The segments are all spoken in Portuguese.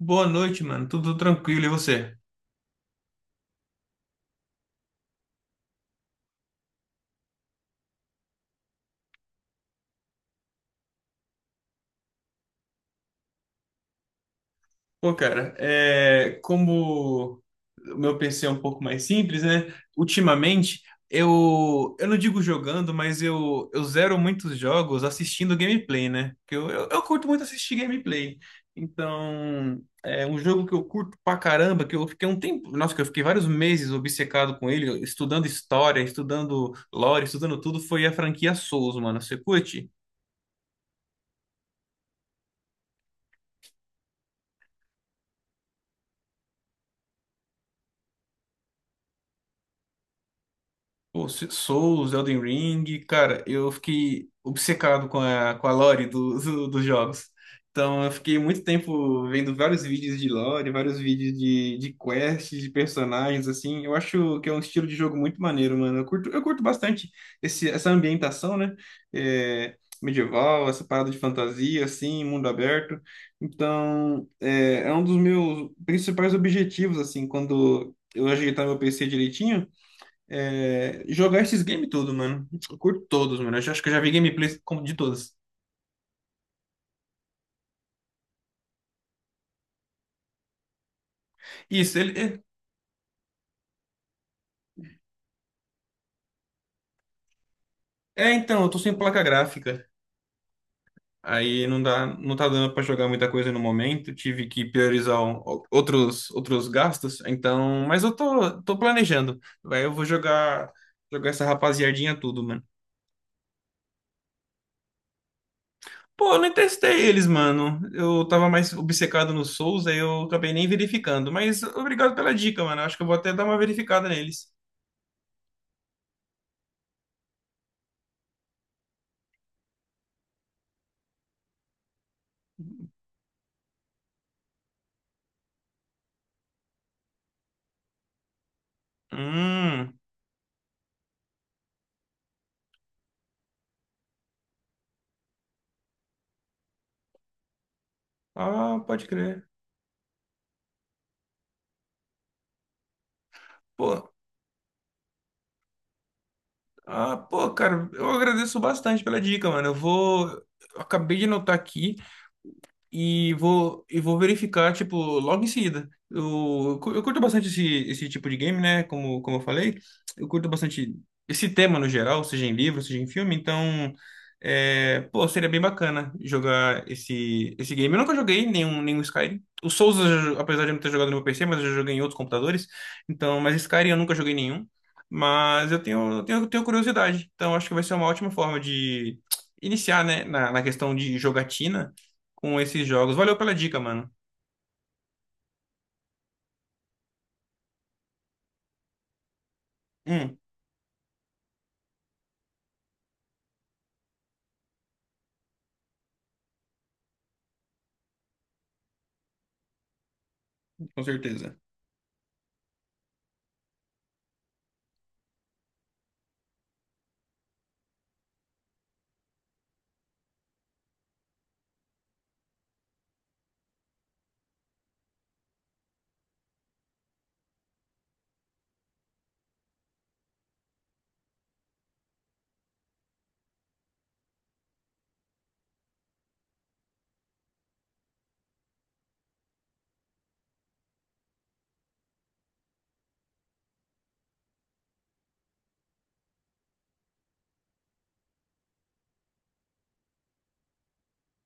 Boa noite, mano. Tudo tranquilo, e você? Como o meu PC é um pouco mais simples, né? Ultimamente, eu não digo jogando, mas eu zero muitos jogos assistindo gameplay, né? Porque eu curto muito assistir gameplay. Então, é um jogo que eu curto pra caramba, que eu fiquei um tempo, nossa, que eu fiquei vários meses obcecado com ele, estudando história, estudando lore, estudando tudo, foi a franquia Souls, mano. Você curte? Pô, Souls, Elden Ring, cara, eu fiquei obcecado com a lore dos jogos. Então, eu fiquei muito tempo vendo vários vídeos de lore, vários vídeos de quests, de personagens, assim. Eu acho que é um estilo de jogo muito maneiro, mano. Eu curto bastante essa ambientação, né? É, medieval, essa parada de fantasia, assim, mundo aberto. Então, é um dos meus principais objetivos, assim, quando eu ajeitar meu PC direitinho é, jogar esses games tudo, mano. Eu curto todos, mano. Acho que eu já vi de todos. Isso, ele. Então, eu tô sem placa gráfica. Aí não dá, não tá dando pra jogar muita coisa no momento. Tive que priorizar outros, outros gastos. Então, mas eu tô planejando. Aí eu vou jogar essa rapaziadinha tudo, mano. Pô, eu nem testei eles, mano. Eu tava mais obcecado no Souls, aí eu acabei nem verificando. Mas obrigado pela dica, mano. Eu acho que eu vou até dar uma verificada neles. Hum. Ah, pode crer. Pô, pô, cara, eu agradeço bastante pela dica, mano. Eu vou. Eu acabei de anotar aqui. E vou verificar, tipo, logo em seguida. Eu curto bastante esse tipo de game, né? Como, como eu falei, eu curto bastante esse tema no geral, seja em livro, seja em filme, então, é, pô, seria bem bacana jogar esse game. Eu nunca joguei nenhum Skyrim. O Souls, apesar de eu não ter jogado no meu PC, mas eu já joguei em outros computadores, então, mas Skyrim eu nunca joguei nenhum. Mas eu tenho curiosidade, então acho que vai ser uma ótima forma de iniciar, né, na, na questão de jogatina com esses jogos. Valeu pela dica, mano. Hum, com certeza.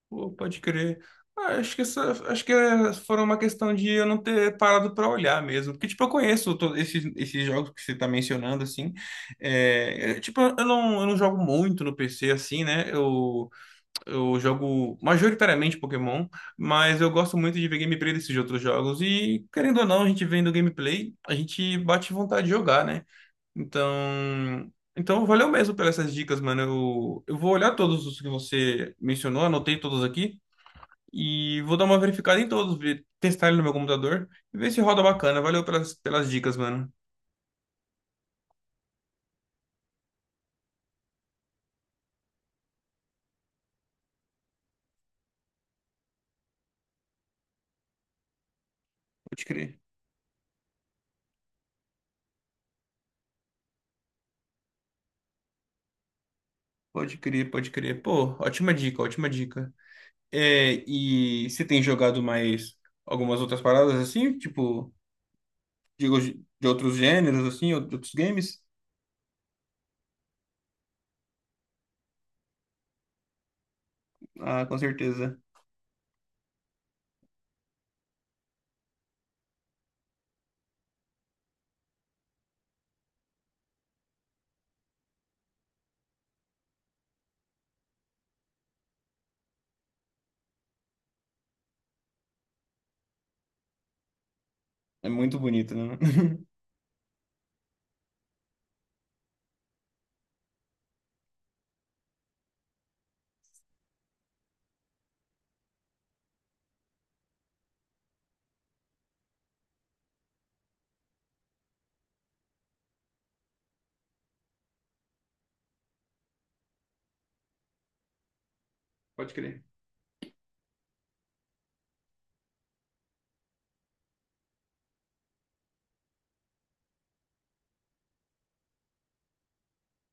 Pô, pode crer. Ah, acho que acho que foram uma questão de eu não ter parado pra olhar mesmo. Porque, tipo, eu esses, esses jogos que você tá mencionando, assim. Tipo, eu não jogo muito no PC, assim, né? Eu jogo majoritariamente Pokémon, mas eu gosto muito de ver gameplay desses outros jogos. E, querendo ou não, a gente vendo gameplay, a gente bate vontade de jogar, né? Então, então valeu mesmo pelas essas dicas, mano. Eu vou olhar todos os que você mencionou, anotei todos aqui e vou dar uma verificada em todos, testar ele no meu computador e ver se roda bacana. Valeu pelas, pelas dicas, mano. Pode crer, pode crer. Pô, ótima dica, ótima dica. É, e você tem jogado mais algumas outras paradas, assim? Tipo, digo, de outros gêneros, assim, ou de outros games? Ah, com certeza. É muito bonito, né? Pode crer.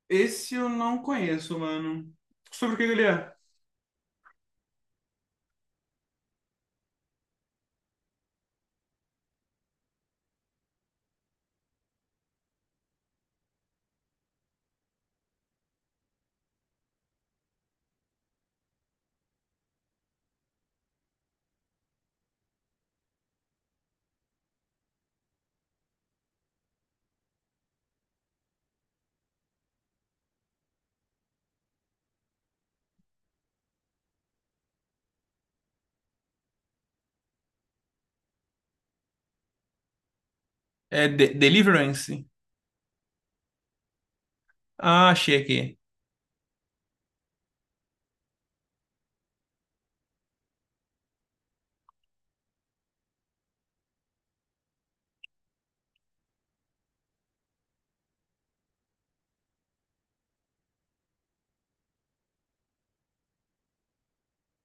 Esse eu não conheço, mano. Sobre o que que ele é? É Deliverance? Ah, achei aqui.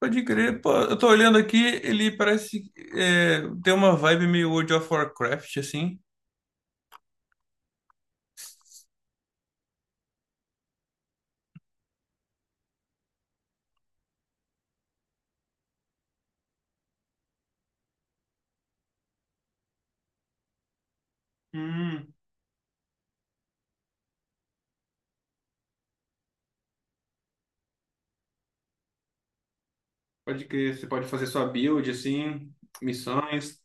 Pode crer, pô, eu tô olhando aqui, ele parece é, ter uma vibe meio World of Warcraft, assim. Hum, pode crer, você pode fazer sua build, assim, missões,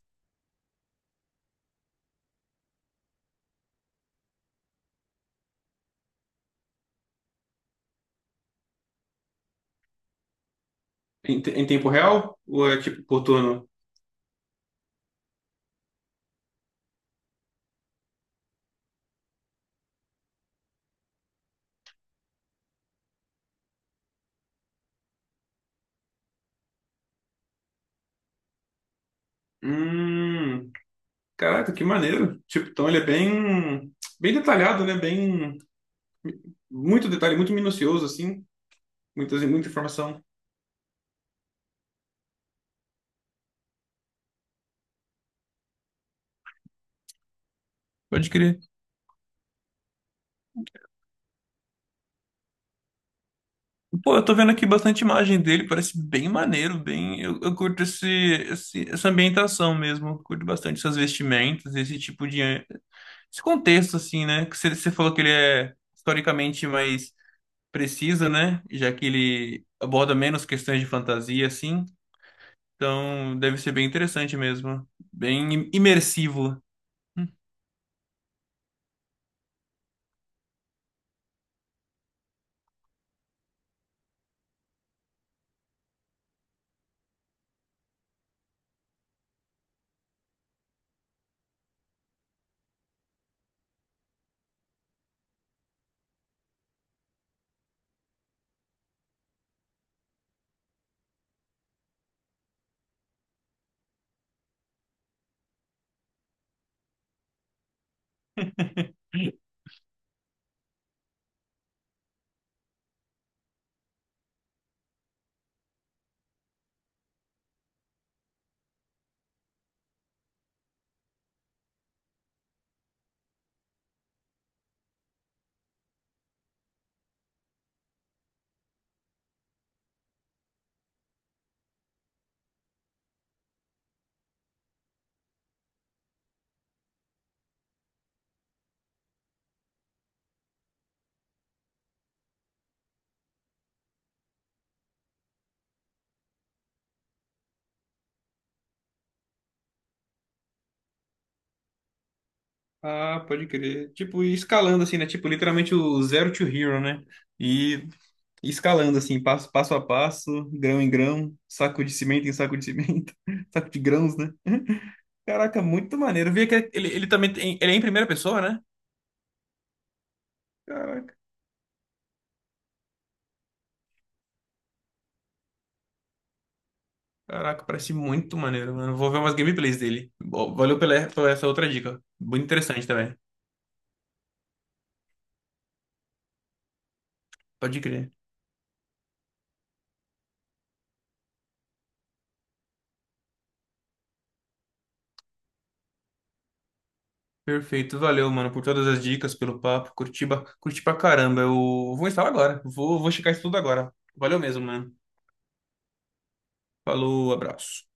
em, em tempo real? Ou é tipo por turno? Hum, caraca, que maneiro. Tipo, então ele é bem detalhado, né? Bem, muito detalhe, muito minucioso, assim, muita informação. Pode crer. Pô, eu tô vendo aqui bastante imagem dele, parece bem maneiro, bem. Eu curto essa ambientação mesmo, eu curto bastante essas vestimentas, esse tipo de. Esse contexto, assim, né? Que você falou que ele é historicamente mais preciso, né? Já que ele aborda menos questões de fantasia, assim. Então, deve ser bem interessante mesmo, bem imersivo. Hum. Ah, pode crer. Tipo, e escalando assim, né? Tipo, literalmente o zero to hero, né? E escalando assim, passo, passo a passo, grão em grão, saco de cimento em saco de cimento, saco de grãos, né? Caraca, muito maneiro. Vi que ele também tem, ele é em primeira pessoa, né? Caraca, parece muito maneiro, mano. Vou ver umas gameplays dele. Valeu pela, por essa outra dica. Muito interessante também. Pode crer. Perfeito, valeu, mano, por todas as dicas, pelo papo. Curti, curti pra caramba. Eu vou instalar agora. Vou checar isso tudo agora. Valeu mesmo, mano. Falou, abraço.